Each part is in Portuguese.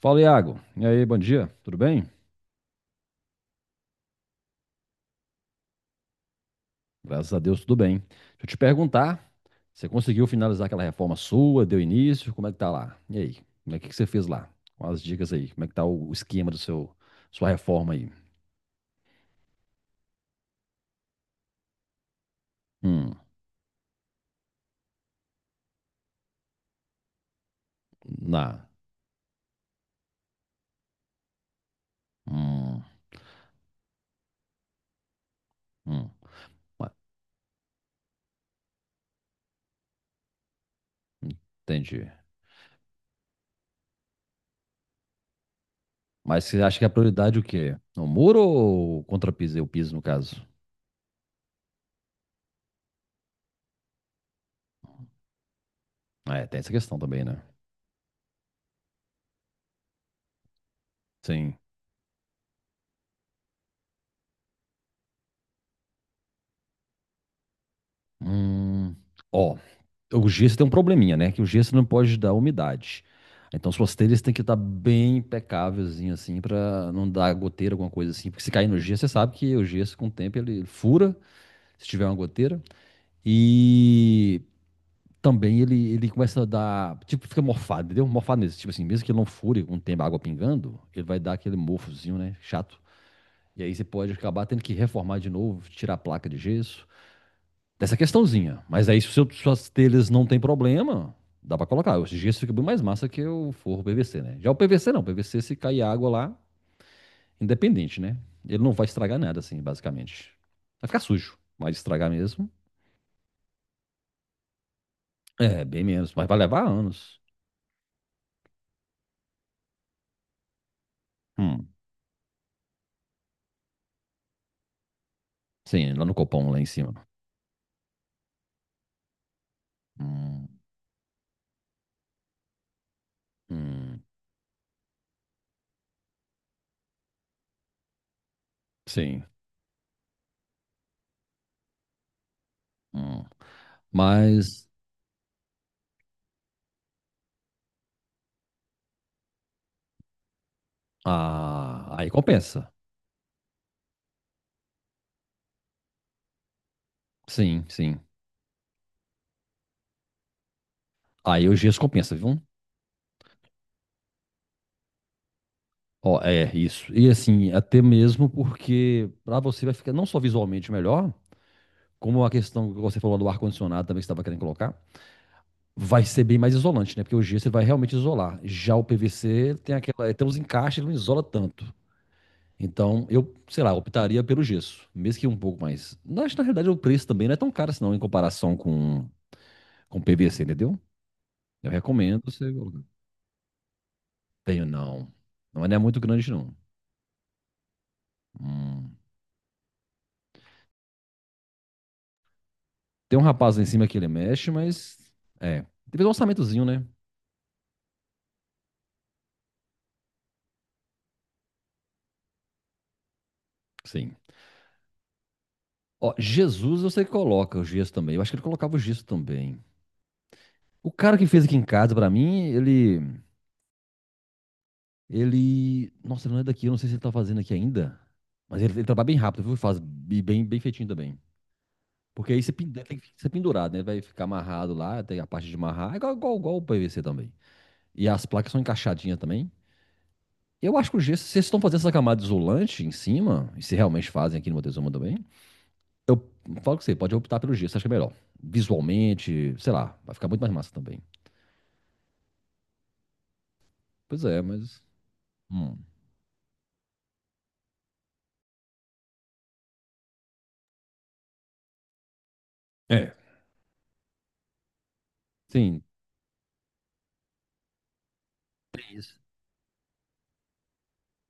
Fala, Iago. E aí, bom dia. Tudo bem? Graças a Deus, tudo bem. Deixa eu te perguntar, você conseguiu finalizar aquela reforma sua? Deu início? Como é que tá lá? E aí? Como é que você fez lá? Com as dicas aí. Como é que tá o esquema do seu sua reforma aí? Hum, Na. Hum, hum. Ué, entendi. Mas você acha que a prioridade é o quê? O muro ou o contrapiso? O piso, no caso? Ah, é, tem essa questão também, né? Sim. Hum. Ó, o gesso tem um probleminha, né? Que o gesso não pode dar umidade. Então suas telhas têm que estar bem impecávelzinho assim para não dar goteira, alguma coisa assim. Porque se cair no gesso, você sabe que o gesso com o tempo ele fura, se tiver uma goteira. E também ele começa a dar, tipo, fica morfado, entendeu? Morfado nesse, tipo assim, mesmo que ele não fure com o tempo a água pingando, ele vai dar aquele morfozinho, né? Chato. E aí você pode acabar tendo que reformar de novo, tirar a placa de gesso dessa questãozinha. Mas aí, se suas telhas não tem problema, dá pra colocar. O gesso fica bem mais massa que o forro PVC, né? Já o PVC não. O PVC, se cair água lá, independente, né? Ele não vai estragar nada, assim, basicamente. Vai ficar sujo. Vai estragar mesmo. É, bem menos. Mas vai levar anos. Hum, sim, lá no copão, lá em cima. Hum, hum, sim. Hum. Mas, ah, aí compensa. Sim, sim. Aí o gesso compensa, viu? Ó, é isso. E assim, até mesmo porque para você vai ficar não só visualmente melhor, como a questão que você falou do ar-condicionado também que você estava querendo colocar, vai ser bem mais isolante, né? Porque o gesso você vai realmente isolar. Já o PVC tem aquela, é, tem uns encaixes, ele não isola tanto. Então, eu, sei lá, optaria pelo gesso, mesmo que um pouco mais. Na, acho que, na realidade o preço também não é tão caro assim, não, em comparação com PVC, entendeu? Eu recomendo você colocar. Tenho não. Não é muito grande, não. Hum. Tem um rapaz lá em cima que ele mexe, mas é. Teve um orçamentozinho, né? Sim. Ó, Jesus, eu sei que coloca o gesso também. Eu acho que ele colocava o gesso também. O cara que fez aqui em casa pra mim, ele. Ele. Nossa, ele não é daqui, eu não sei se ele tá fazendo aqui ainda. Mas ele trabalha bem rápido, viu? Faz bem, bem feitinho também. Porque aí você tem que ser pendurado, né? Ele vai ficar amarrado lá, tem a parte de amarrar, é igual o PVC também. E as placas são encaixadinhas também. Eu acho que o gesso, se vocês estão fazendo essa camada isolante em cima, e se realmente fazem aqui no Montezuma também, eu falo que você pode optar pelo gesso, acho que é melhor. Visualmente, sei lá, vai ficar muito mais massa também. Pois é, mas. Hum, é. Sim, tem isso.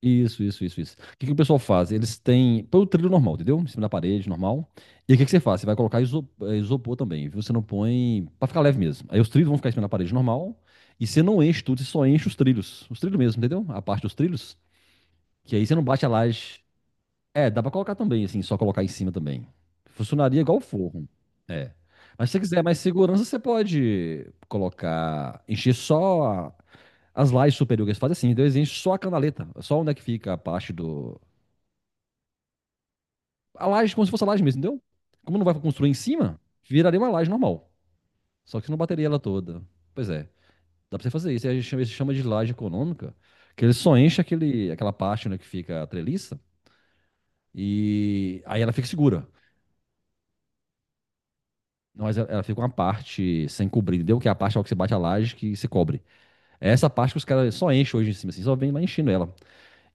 Isso, isso, isso, isso. O que que o pessoal faz? Eles têm. Põe o trilho normal, entendeu? Em cima da parede, normal. E aí, o que que você faz? Você vai colocar isopor também, viu? Você não põe. Pra ficar leve mesmo. Aí os trilhos vão ficar em cima da parede normal. E você não enche tudo, você só enche os trilhos. Os trilhos mesmo, entendeu? A parte dos trilhos. Que aí você não bate a laje. É, dá pra colocar também, assim, só colocar em cima também. Funcionaria igual o forro. É. Mas se você quiser mais segurança, você pode colocar, encher só a- as lajes superiores. Faz assim, então eles enchem só a canaleta, só onde é que fica a parte do. A laje, como se fosse a laje mesmo, entendeu? Como não vai construir em cima, viraria uma laje normal. Só que você não bateria ela toda. Pois é, dá pra você fazer isso. Aí a gente chama, isso chama de laje econômica, que ele só enche aquela parte onde é que fica a treliça e aí ela fica segura. Não, mas ela fica uma parte sem cobrir, entendeu? Que é a parte que você bate a laje que se cobre. É essa parte que os caras só enchem hoje em cima, assim, só vem lá enchendo ela.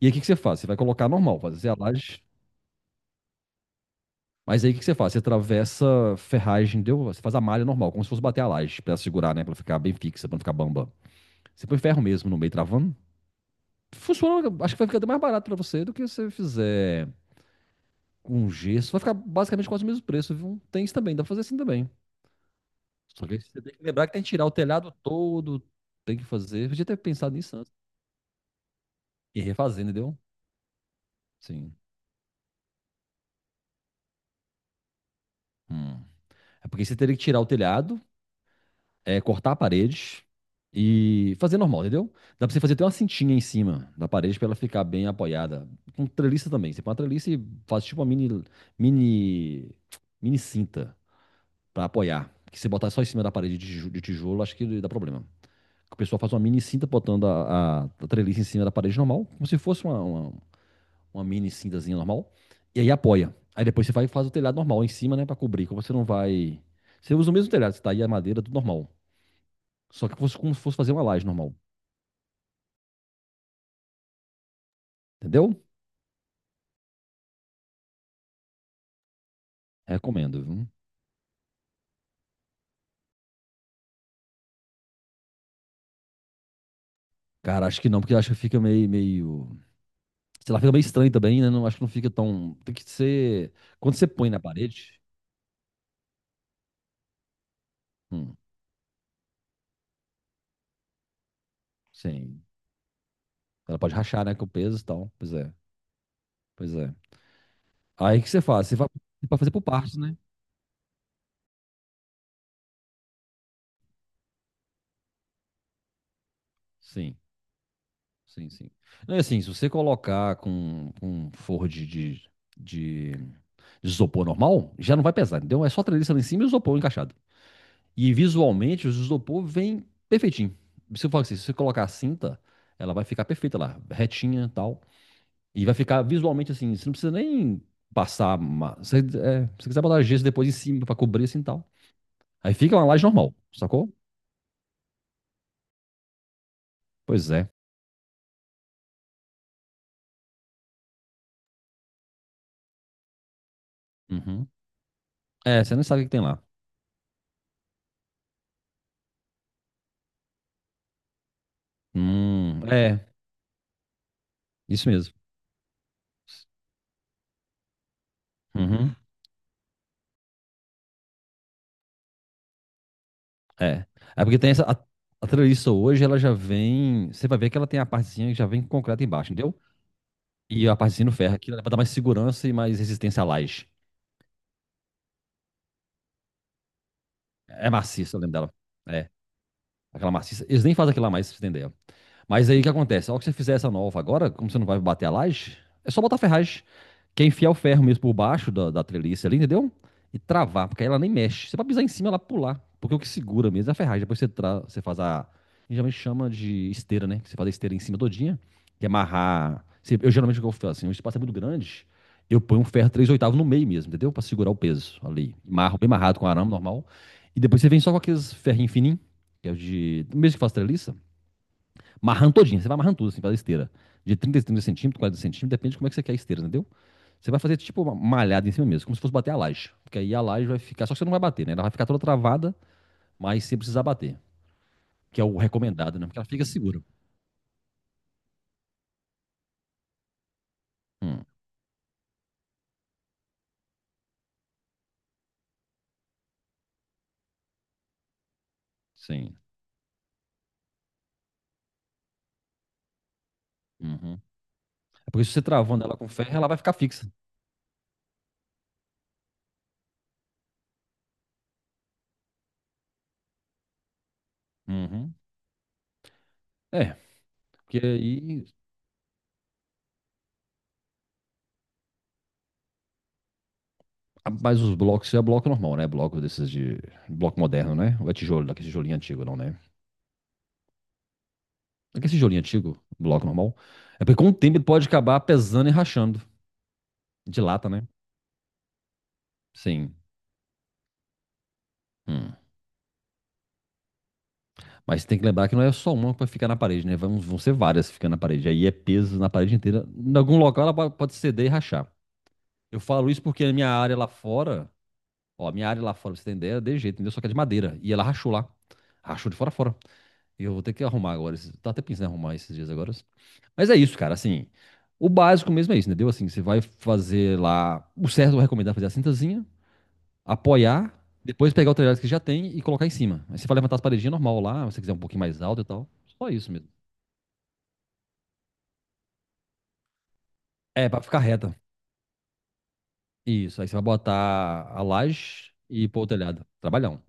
E aí o que que você faz? Você vai colocar normal, fazer a laje. Mas aí o que que você faz? Você atravessa ferragem, entendeu? Você faz a malha normal, como se fosse bater a laje, pra ela segurar, né? Pra ela ficar bem fixa, pra não ficar bamba. Você põe ferro mesmo no meio travando. Funciona, acho que vai ficar até mais barato pra você do que se você fizer com gesso. Vai ficar basicamente quase o mesmo preço, viu? Tem isso também, dá pra fazer assim também. Só que você tem que lembrar que tem que tirar o telhado todo, tem que fazer. Podia ter pensado nisso antes. E refazer, entendeu? Sim. Hum. É porque você teria que tirar o telhado, é, cortar a parede e fazer normal, entendeu? Dá pra você fazer até uma cintinha em cima da parede pra ela ficar bem apoiada. Com treliça também. Você põe uma treliça e faz tipo uma mini, mini cinta pra apoiar. Que se botar só em cima da parede de de tijolo, acho que dá problema. O pessoal faz uma mini cinta botando a treliça em cima da parede normal, como se fosse uma mini cintazinha normal, e aí apoia. Aí depois você vai e faz o telhado normal em cima, né, para cobrir. Como você não vai. Você usa o mesmo telhado, você tá aí a madeira, tudo normal. Só que como se fosse fazer uma laje normal. Entendeu? Recomendo, viu? Cara, acho que não, porque acho que fica meio. Sei lá, fica meio estranho também, né? Não, acho que não fica tão. Tem que ser. Quando você põe na parede. Hum, sim. Ela pode rachar, né? Com o peso e tal. Pois é. Pois é. Aí o que você faz? Você vai você pode fazer por partes, né? Sim. Sim, sim. Não, assim, se você colocar com um forro de- de isopor normal, já não vai pesar, entendeu? É só a treliça lá em cima e o isopor encaixado. E visualmente, o isopor vem perfeitinho. Se eu falar assim, se você colocar a cinta, ela vai ficar perfeita lá, retinha e tal. E vai ficar visualmente assim, você não precisa nem passar. Se você quiser botar gesso depois em cima pra cobrir assim e tal. Aí fica uma laje normal, sacou? Pois é. Uhum. É, você nem sabe o que que tem lá. É, isso mesmo. Uhum. É. É porque tem essa. A treliça hoje, ela já vem. Você vai ver que ela tem a partezinha que já vem com concreto embaixo, entendeu? E a partezinha no ferro, aquilo é pra dar mais segurança e mais resistência à laje. É maciça, eu lembro dela. É. Aquela maciça. Eles nem fazem aquilo lá mais, pra você entender. Mas aí o que acontece? Ao que você fizer essa nova agora, como você não vai bater a laje, é só botar ferragem. Que é enfiar o ferro mesmo por baixo da treliça ali, entendeu? E travar, porque aí ela nem mexe. Você vai pisar em cima, ela pular. Porque o que segura mesmo é a ferragem. Depois você faz a. Geralmente chama de esteira, né? Você faz a esteira em cima todinha, que é amarrar. Eu geralmente o que eu faço assim, o espaço é muito grande, eu ponho um ferro 3/8 no meio mesmo, entendeu? Pra segurar o peso ali. Marro bem amarrado com arame normal. E depois você vem só com aqueles ferrinhos fininhos, que é o de. Mesmo que faz treliça, marrando todinha. Você vai amarrando tudo assim, faz a esteira. De 30 a 30 centímetros, 40 centímetros, depende de como é que você quer a esteira, entendeu? Você vai fazer tipo uma malhada em cima mesmo, como se fosse bater a laje. Porque aí a laje vai ficar, só que você não vai bater, né? Ela vai ficar toda travada, mas sem precisar bater. Que é o recomendado, né? Porque ela fica segura. Hum, sim. Uhum. É porque se você travando ela com ferro, ela vai ficar fixa. Uhum. É, porque aí. Mas os blocos, isso é bloco normal, né? Bloco desses de. Bloco moderno, né? Ou é tijolo, daquele tijolinho antigo, não, né? Aquele tijolinho antigo, bloco normal. É porque com o tempo ele pode acabar pesando e rachando. Dilata, né? Sim. Hum. Mas tem que lembrar que não é só uma que vai ficar na parede, né? Vão ser várias ficando na parede. Aí é peso na parede inteira. Em algum local ela pode ceder e rachar. Eu falo isso porque a minha área lá fora, ó, a minha área lá fora, pra você tem ideia, é de jeito, entendeu? Só que é de madeira. E ela rachou lá. Rachou de fora a fora. E eu vou ter que arrumar agora. Tá até pensando em arrumar esses dias agora. Mas é isso, cara. Assim, o básico mesmo é isso, entendeu? Assim, você vai fazer lá. O certo eu recomendo é fazer a cintazinha apoiar, depois pegar o telhado que já tem e colocar em cima. Aí você vai levantar as paredinhas normal lá, se você quiser um pouquinho mais alto e tal. Só isso mesmo. É, pra ficar reta. Isso. Aí você vai botar a laje e pôr o telhado. Trabalhão.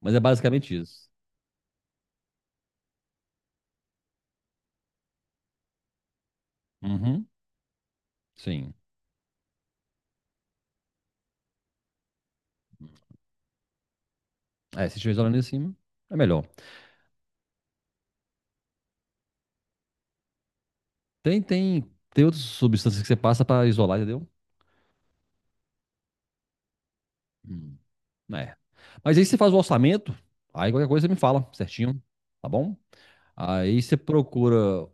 Mas é basicamente isso. Uhum. Sim. É, se tiver isolando em cima, é melhor. Tem, tem, tem outras substâncias que você passa pra isolar, entendeu? Hum, é. Mas aí você faz o orçamento, aí qualquer coisa você me fala certinho, tá bom? Aí você procura.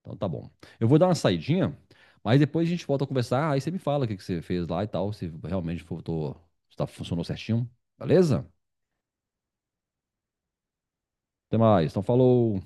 Então tá bom. Eu vou dar uma saidinha, mas depois a gente volta a conversar. Aí você me fala o que que você fez lá e tal, se realmente voltou, se funcionou certinho. Beleza? Até mais. Então falou.